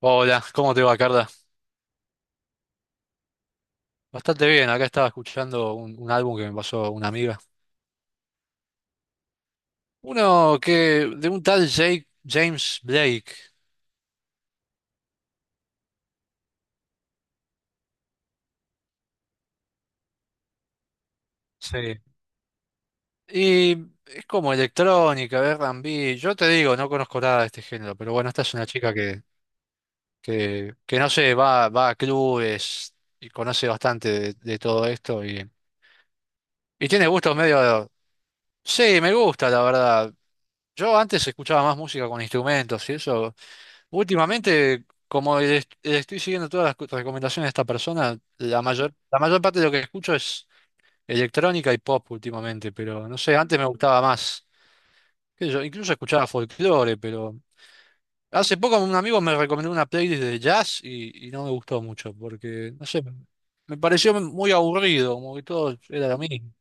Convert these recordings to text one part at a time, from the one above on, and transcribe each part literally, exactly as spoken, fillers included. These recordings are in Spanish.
Hola, ¿cómo te va, Carla? Bastante bien, acá estaba escuchando un, un álbum que me pasó una amiga. Uno que, de un tal Jake, James Blake. Sí. Y es como electrónica, R and B. Yo te digo, no conozco nada de este género, pero bueno, esta es una chica que, que, que no sé, va, va a clubes y conoce bastante de, de todo esto y, y tiene gustos medio... Sí, me gusta, la verdad. Yo antes escuchaba más música con instrumentos y eso. Últimamente, como es- estoy siguiendo todas las co- recomendaciones de esta persona, la mayor, la mayor parte de lo que escucho es electrónica y pop últimamente, pero no sé, antes me gustaba más. Qué sé yo, incluso escuchaba folclore, pero hace poco un amigo me recomendó una playlist de jazz y, y no me gustó mucho, porque, no sé, me me pareció muy aburrido, como que todo era lo mismo.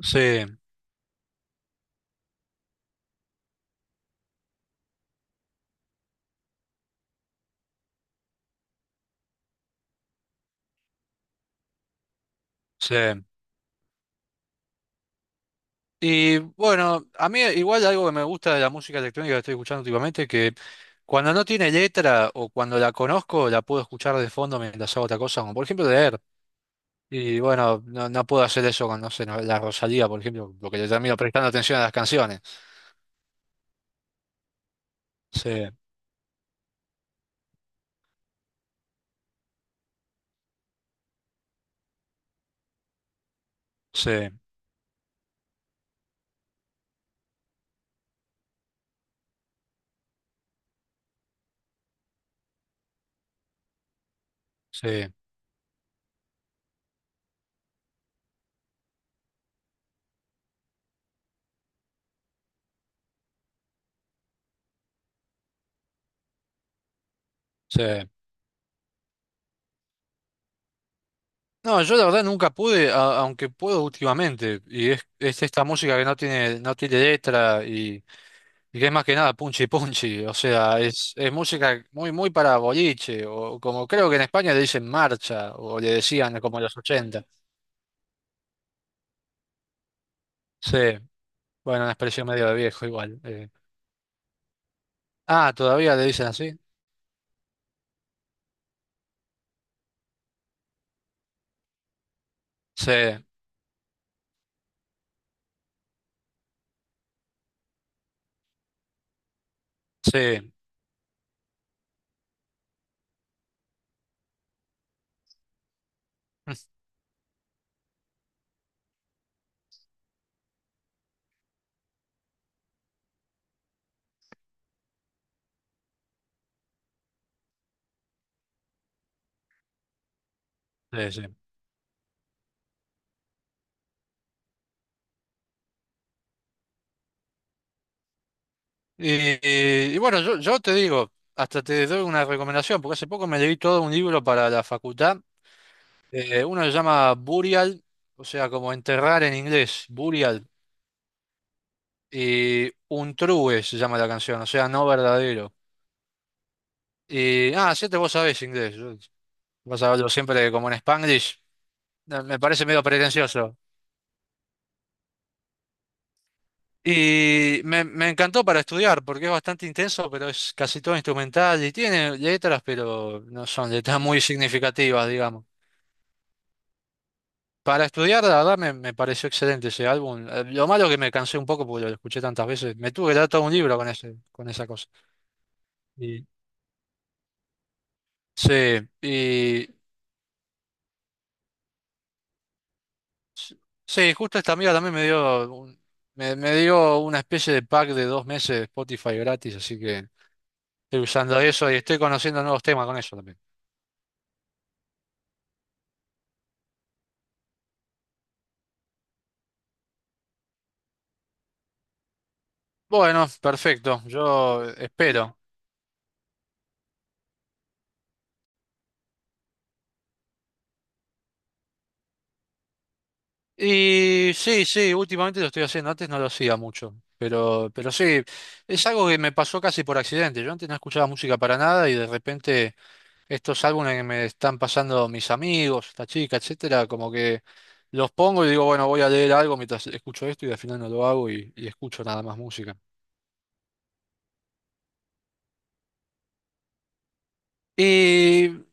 Sí, sí. Y bueno, a mí igual algo que me gusta de la música electrónica que estoy escuchando últimamente, que cuando no tiene letra o cuando la conozco, la puedo escuchar de fondo mientras hago otra cosa, como por ejemplo leer. Y bueno, no, no puedo hacer eso con, no sé, no- la Rosalía, por ejemplo, porque le termino prestando atención a las canciones. Sí, sí, sí, sí. No, yo la verdad nunca pude, a- aunque puedo últimamente, y es, es esta música que no tiene, no tiene letra. Y que es más que nada punchi punchi, o sea, es, es música muy, muy para boliche, o como creo que en España le dicen marcha, o le decían como en los ochenta. Sí, bueno, una expresión medio de viejo igual. eh. Ah, ¿todavía le dicen así? Sí, sí, mm, sí, sí. Y, y- y bueno, yo, yo te digo, hasta te doy una recomendación, porque hace poco me leí todo un libro para la facultad, eh, uno se llama Burial, o sea, como enterrar en inglés, Burial. Y Untrue se llama la canción, o sea, no verdadero. Y, ah, siete vos sabés inglés. yo- Vas a hablo siempre como en Spanglish. eh, Me parece medio pretencioso. Y me, me encantó para estudiar porque es bastante intenso, pero es casi todo instrumental y tiene letras, pero no son letras muy significativas, digamos. Para estudiar, la verdad, me, me pareció excelente ese álbum. Eh, Lo malo que me cansé un poco porque lo escuché tantas veces. Me tuve que dar todo un libro con ese, con esa cosa. Y- Sí, y, Sí, justo esta amiga también me dio un- me, me dio una especie de pack de dos meses de Spotify gratis, así que estoy usando eso y estoy conociendo nuevos temas con eso también. Bueno, perfecto, yo espero. Y sí, sí, últimamente lo estoy haciendo, antes no lo hacía mucho, pero, pero sí, es algo que me pasó casi por accidente. Yo antes no escuchaba música para nada y de repente estos álbumes que me están pasando mis amigos, esta chica, etcétera, como que los pongo y digo, bueno, voy a leer algo mientras escucho esto y al final no lo hago y, y escucho nada más música. Y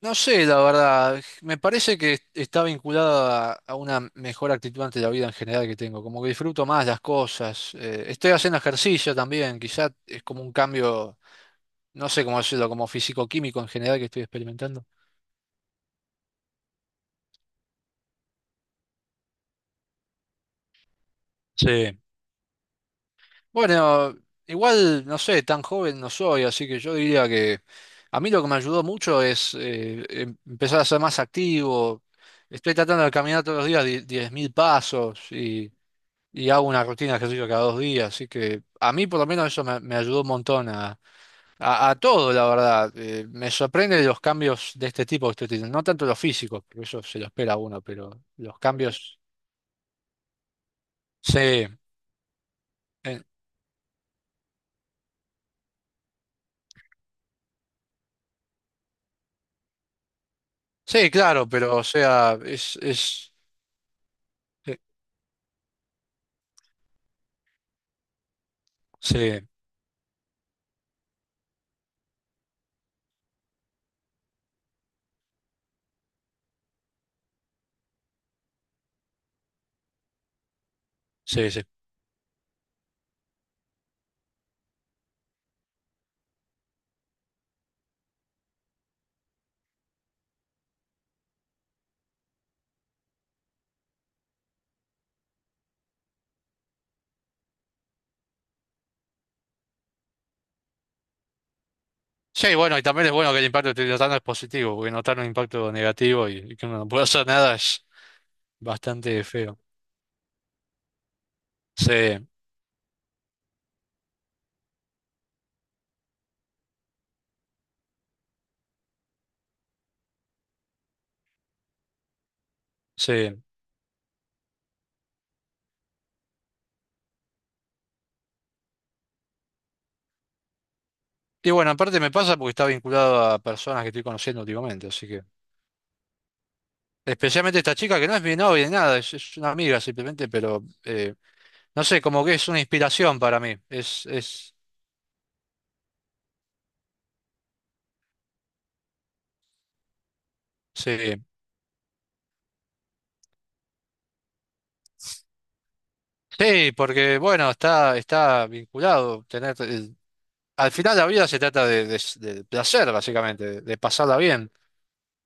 no sé, la verdad, me parece que está vinculada a a una mejor actitud ante la vida en general que tengo, como que disfruto más las cosas, eh, estoy haciendo ejercicio también, quizás es como un cambio, no sé cómo decirlo, como físico-químico en general que estoy experimentando. Sí. Bueno, igual, no sé, tan joven no soy, así que yo diría que a mí lo que me ayudó mucho es eh, em- empezar a ser más activo. Estoy tratando de caminar todos los días die- diez mil pasos y, y hago una rutina de ejercicio cada dos días, así que a mí por lo menos eso me, me ayudó un montón a, a, a todo, la verdad. Eh, me sorprende los cambios de este tipo que estoy teniendo, no tanto los físicos, porque eso se lo espera a uno, pero los cambios, sí, eh, sí, claro, pero o sea, es... es eh, sí, sí, sí. Sí, bueno, y también es bueno que el impacto que estoy notando es positivo, porque notar un impacto negativo y, y que uno no puede hacer nada es bastante feo. Sí, sí. Y bueno, aparte me pasa porque está vinculado a personas que estoy conociendo últimamente, así que... Especialmente esta chica que no es mi novia ni nada, es, es una amiga simplemente, pero eh, no sé, como que es una inspiración para mí. Es, es, sí. Sí, porque bueno, está, está vinculado tener... el- al final la vida se trata de, de- de placer, básicamente, de de pasarla bien.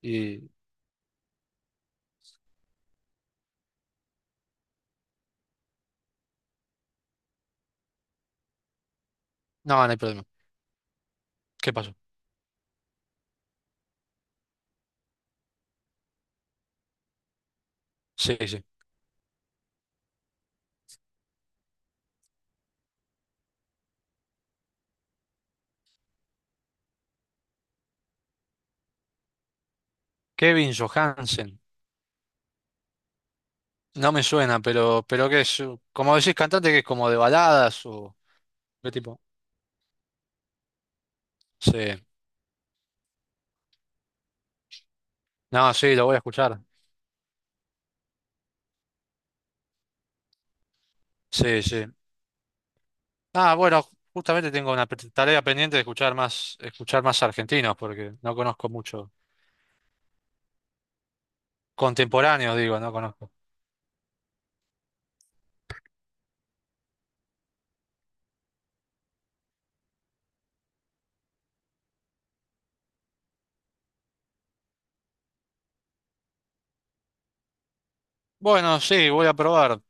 Y... No, no hay problema. ¿Qué pasó? Sí, sí. Kevin Johansen. No me suena, pero, pero que es, uh, como decís, cantante que es como de baladas o qué tipo. Sí. No, sí, lo voy a escuchar. Sí, sí. Ah, bueno, justamente tengo una pe- tarea pendiente de escuchar más, escuchar más argentinos, porque no conozco mucho. Contemporáneos, digo, no conozco. Bueno, sí, voy a probar.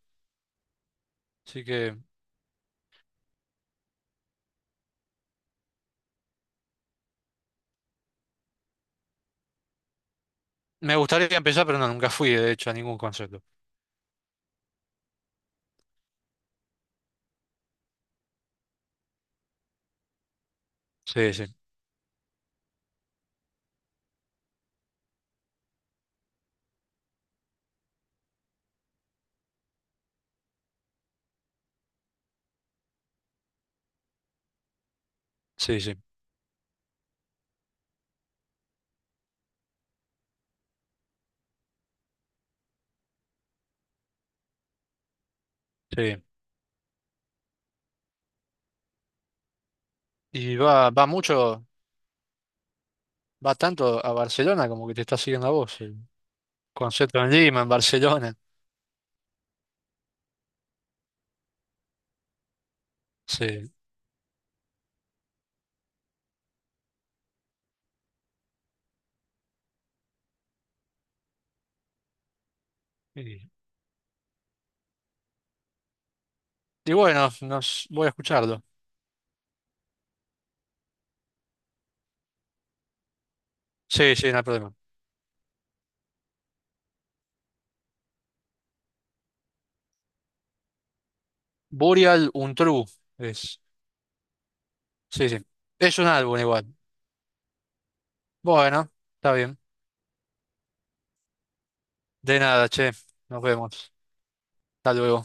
Así que me gustaría empezar, pero no, nunca fui, de hecho, a ningún concierto. Sí, sí, sí, sí, sí. ¿Y va, va mucho? Va tanto a Barcelona como que te está siguiendo a vos. El concierto en Lima, en Barcelona. Sí. Y, y bueno, nos, voy a escucharlo. Sí, sí, no hay problema. Burial Untrue es. Sí, sí. Es un álbum igual. Bueno, está bien. De nada, che. Nos vemos. Hasta luego.